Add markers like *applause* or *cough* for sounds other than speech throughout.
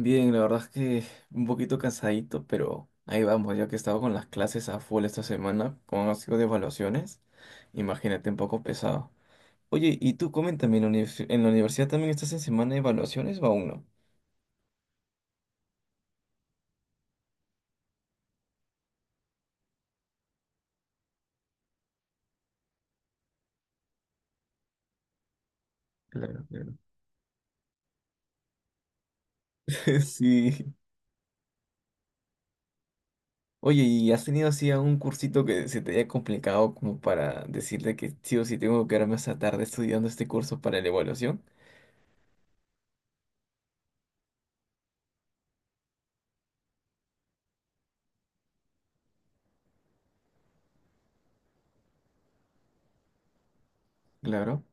Bien, la verdad es que un poquito cansadito, pero ahí vamos, ya que he estado con las clases a full esta semana, como han sido de evaluaciones, imagínate un poco pesado. Oye, y tú coméntame, en la universidad también estás en semana de evaluaciones o aún no? Claro, claro. *laughs* Sí. Oye, ¿y has tenido así algún cursito que se te haya complicado como para decirle que sí o sí tengo que quedarme hasta tarde estudiando este curso para la evaluación? Claro,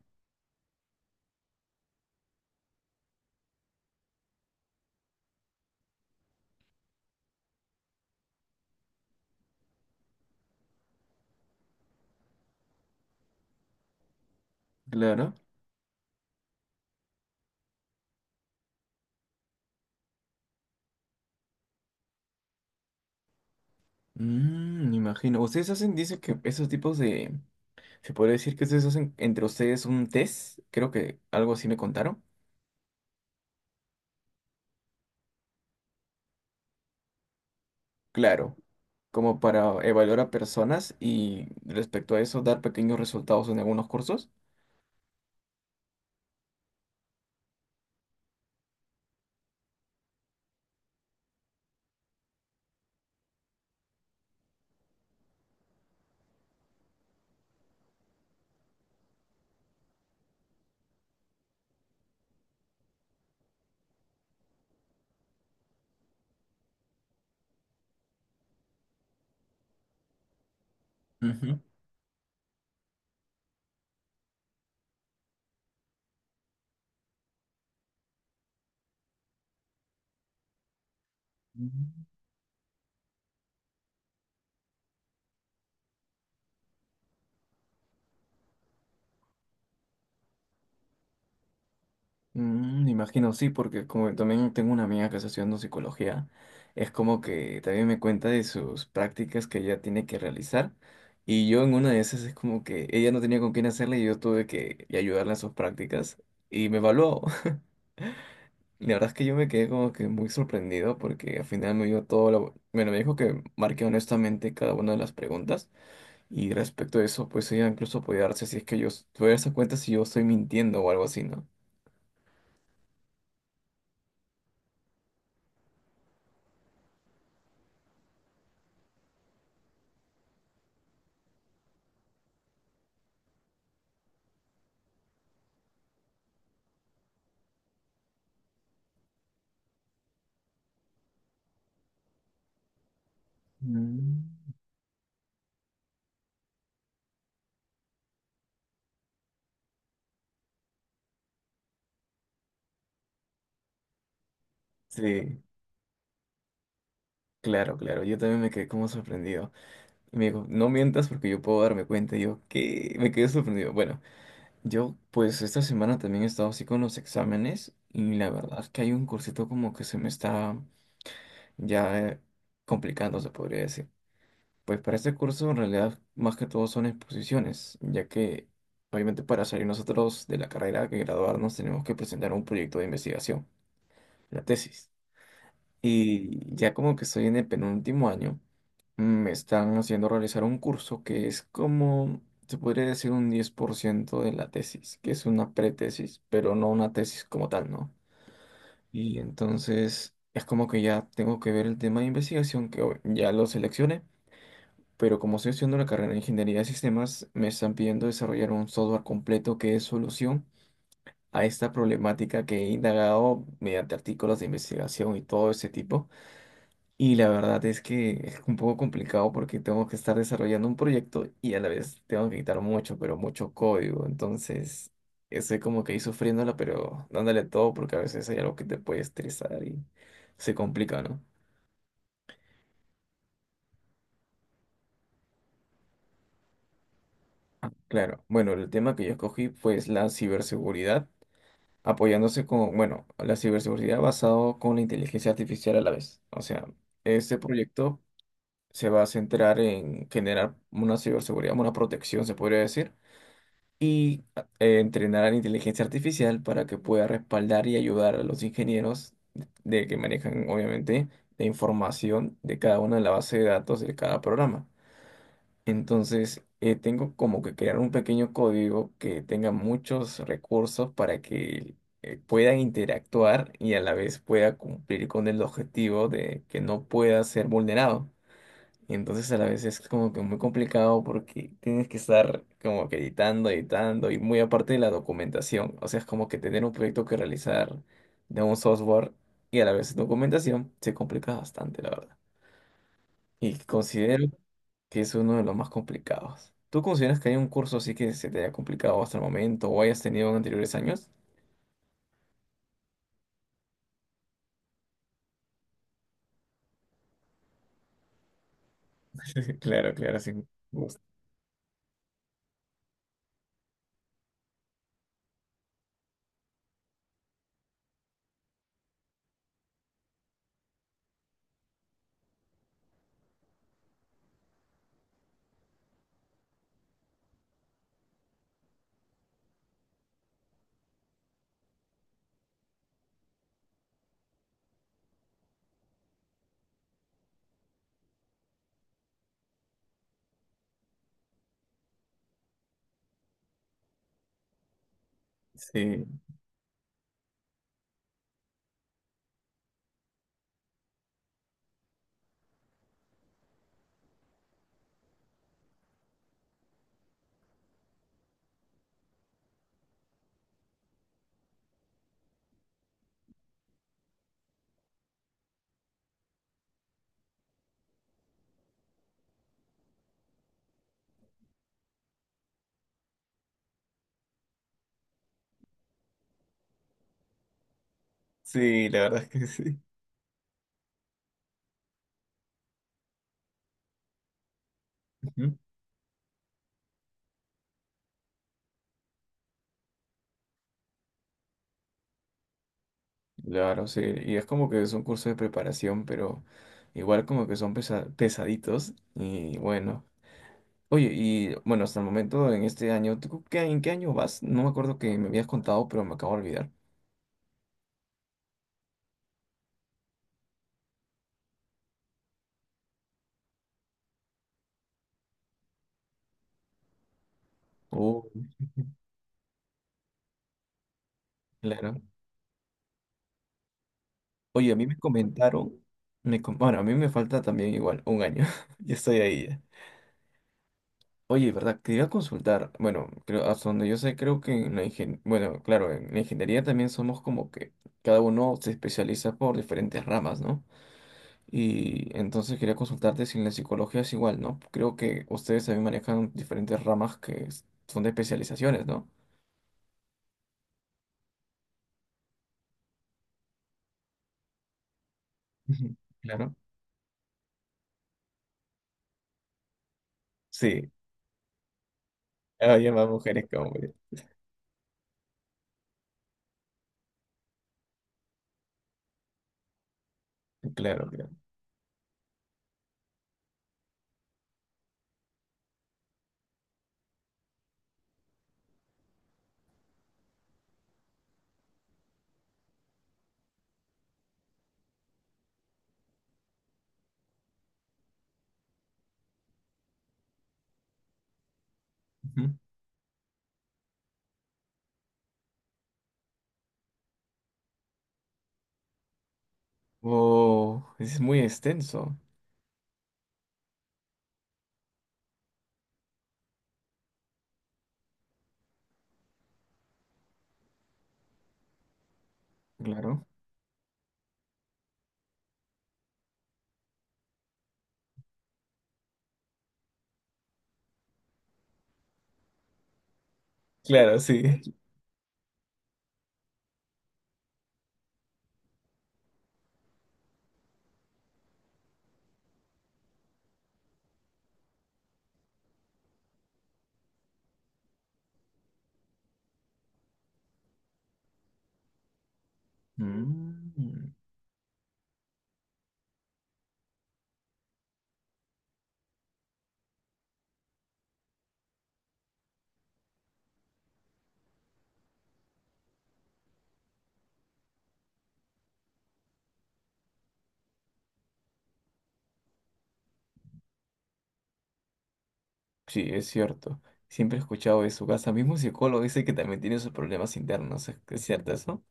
claro. Mm, me imagino. Ustedes hacen, dice que esos tipos de Se podría decir que ustedes hacen entre ustedes un test, creo que algo así me contaron. Claro, como para evaluar a personas y respecto a eso dar pequeños resultados en algunos cursos. Ujú. Mm. Mm, me imagino, sí, porque como también tengo una amiga que está estudiando psicología, es como que también me cuenta de sus prácticas que ella tiene que realizar. Y yo en una de esas es como que ella no tenía con quién hacerla y yo tuve que ayudarla en sus prácticas y me evaluó. La verdad es que yo me quedé como que muy sorprendido porque al final me dio todo lo... Bueno, me dijo que marqué honestamente cada una de las preguntas y respecto a eso, pues ella incluso podía darse si es que yo tuve darse cuenta si yo estoy mintiendo o algo así, ¿no? Mm. Sí, claro, claro. Yo también me quedé como sorprendido. Y me dijo, no mientas porque yo puedo darme cuenta. Y yo, ¿qué? Me quedé sorprendido. Bueno, yo pues esta semana también he estado así con los exámenes y la verdad es que hay un cursito como que se me está ya complicando, se podría decir. Pues para este curso en realidad más que todo son exposiciones, ya que obviamente para salir nosotros de la carrera que graduarnos tenemos que presentar un proyecto de investigación, la tesis. Y ya como que estoy en el penúltimo año, me están haciendo realizar un curso que es como, se podría decir un 10% de la tesis, que es una pretesis, pero no una tesis como tal, ¿no? Y entonces es como que ya tengo que ver el tema de investigación que hoy ya lo seleccioné, pero como estoy haciendo la carrera de ingeniería de sistemas, me están pidiendo desarrollar un software completo que es solución a esta problemática que he indagado mediante artículos de investigación y todo ese tipo. Y la verdad es que es un poco complicado porque tengo que estar desarrollando un proyecto y a la vez tengo que quitar mucho, pero mucho código. Entonces, estoy como que ahí sufriéndola, pero dándole todo porque a veces hay algo que te puede estresar y se complica, ¿no? Claro, bueno, el tema que yo escogí fue la ciberseguridad, apoyándose con, bueno, la ciberseguridad basado con la inteligencia artificial a la vez. O sea, este proyecto se va a centrar en generar una ciberseguridad, una protección, se podría decir, y entrenar a la inteligencia artificial para que pueda respaldar y ayudar a los ingenieros de que manejan, obviamente, la información de cada una de la base de datos de cada programa. Entonces, tengo como que crear un pequeño código que tenga muchos recursos para que puedan interactuar y a la vez pueda cumplir con el objetivo de que no pueda ser vulnerado. Entonces, a la vez es como que muy complicado porque tienes que estar como que editando y muy aparte de la documentación. O sea, es como que tener un proyecto que realizar de un software y a la vez documentación se complica bastante, la verdad. Y considero que es uno de los más complicados. ¿Tú consideras que hay un curso así que se te haya complicado hasta el momento o hayas tenido en anteriores años? *laughs* Claro, claro, sí. Gusto. Sí, sí, la verdad es que sí. Ujú. Claro, sí. Y es como que es un curso de preparación, pero igual como que son pesaditos. Y bueno. Oye, y bueno, hasta el momento en este año, ¿tú en qué año vas? No me acuerdo que me habías contado, pero me acabo de olvidar. Oh, claro. Oye, a mí me comentaron, bueno, a mí me falta también igual un año, *laughs* ya estoy ahí ya. Oye, ¿verdad? Quería consultar, bueno, creo, hasta donde yo sé, creo que en la bueno, claro, en la ingeniería también somos como que cada uno se especializa por diferentes ramas, ¿no? Y entonces quería consultarte si en la psicología es igual, ¿no? Creo que ustedes también manejan diferentes ramas que son de especializaciones, ¿no? Ujú. Claro. Sí, había más mujeres que hombres. Claro, claro. Ujú. Oh, es muy extenso. Claro. Claro, sí. Mm. Sí, es cierto. Siempre he escuchado eso. Hasta mismo psicólogo dice que también tiene sus problemas internos. ¿Es cierto eso?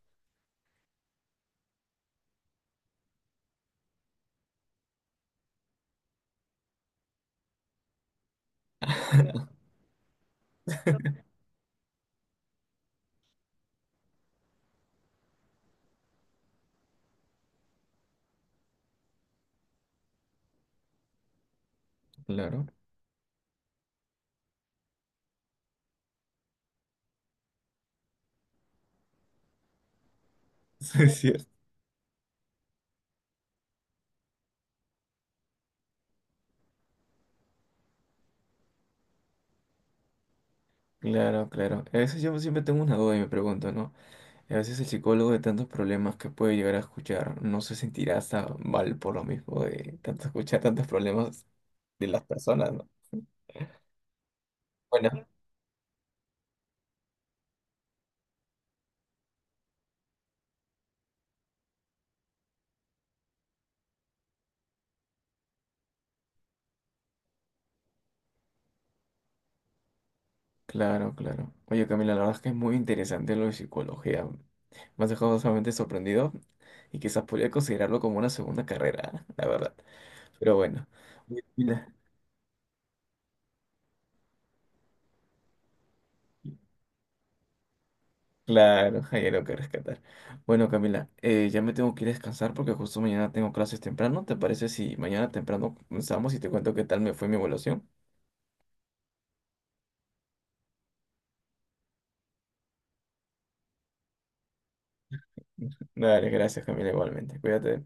Claro. *laughs* Sí, es cierto. Claro, claro. A veces yo siempre tengo una duda y me pregunto, ¿no? A veces el psicólogo de tantos problemas que puede llegar a escuchar no se sentirá hasta mal por lo mismo de tanto escuchar tantos problemas de las personas, ¿no? Bueno, claro, claro. Oye, Camila, la verdad es que es muy interesante lo de psicología. Me has dejado sumamente sorprendido y quizás podría considerarlo como una segunda carrera, *laughs* ¿eh? La verdad. Pero bueno, oye, Camila, claro, *laughs* hay algo que rescatar. Bueno, Camila, ya me tengo que ir a descansar porque justo mañana tengo clases temprano. ¿Te parece si mañana temprano comenzamos y te cuento qué tal me fue mi evaluación? *laughs* Dale, gracias, Camila, igualmente. Cuídate.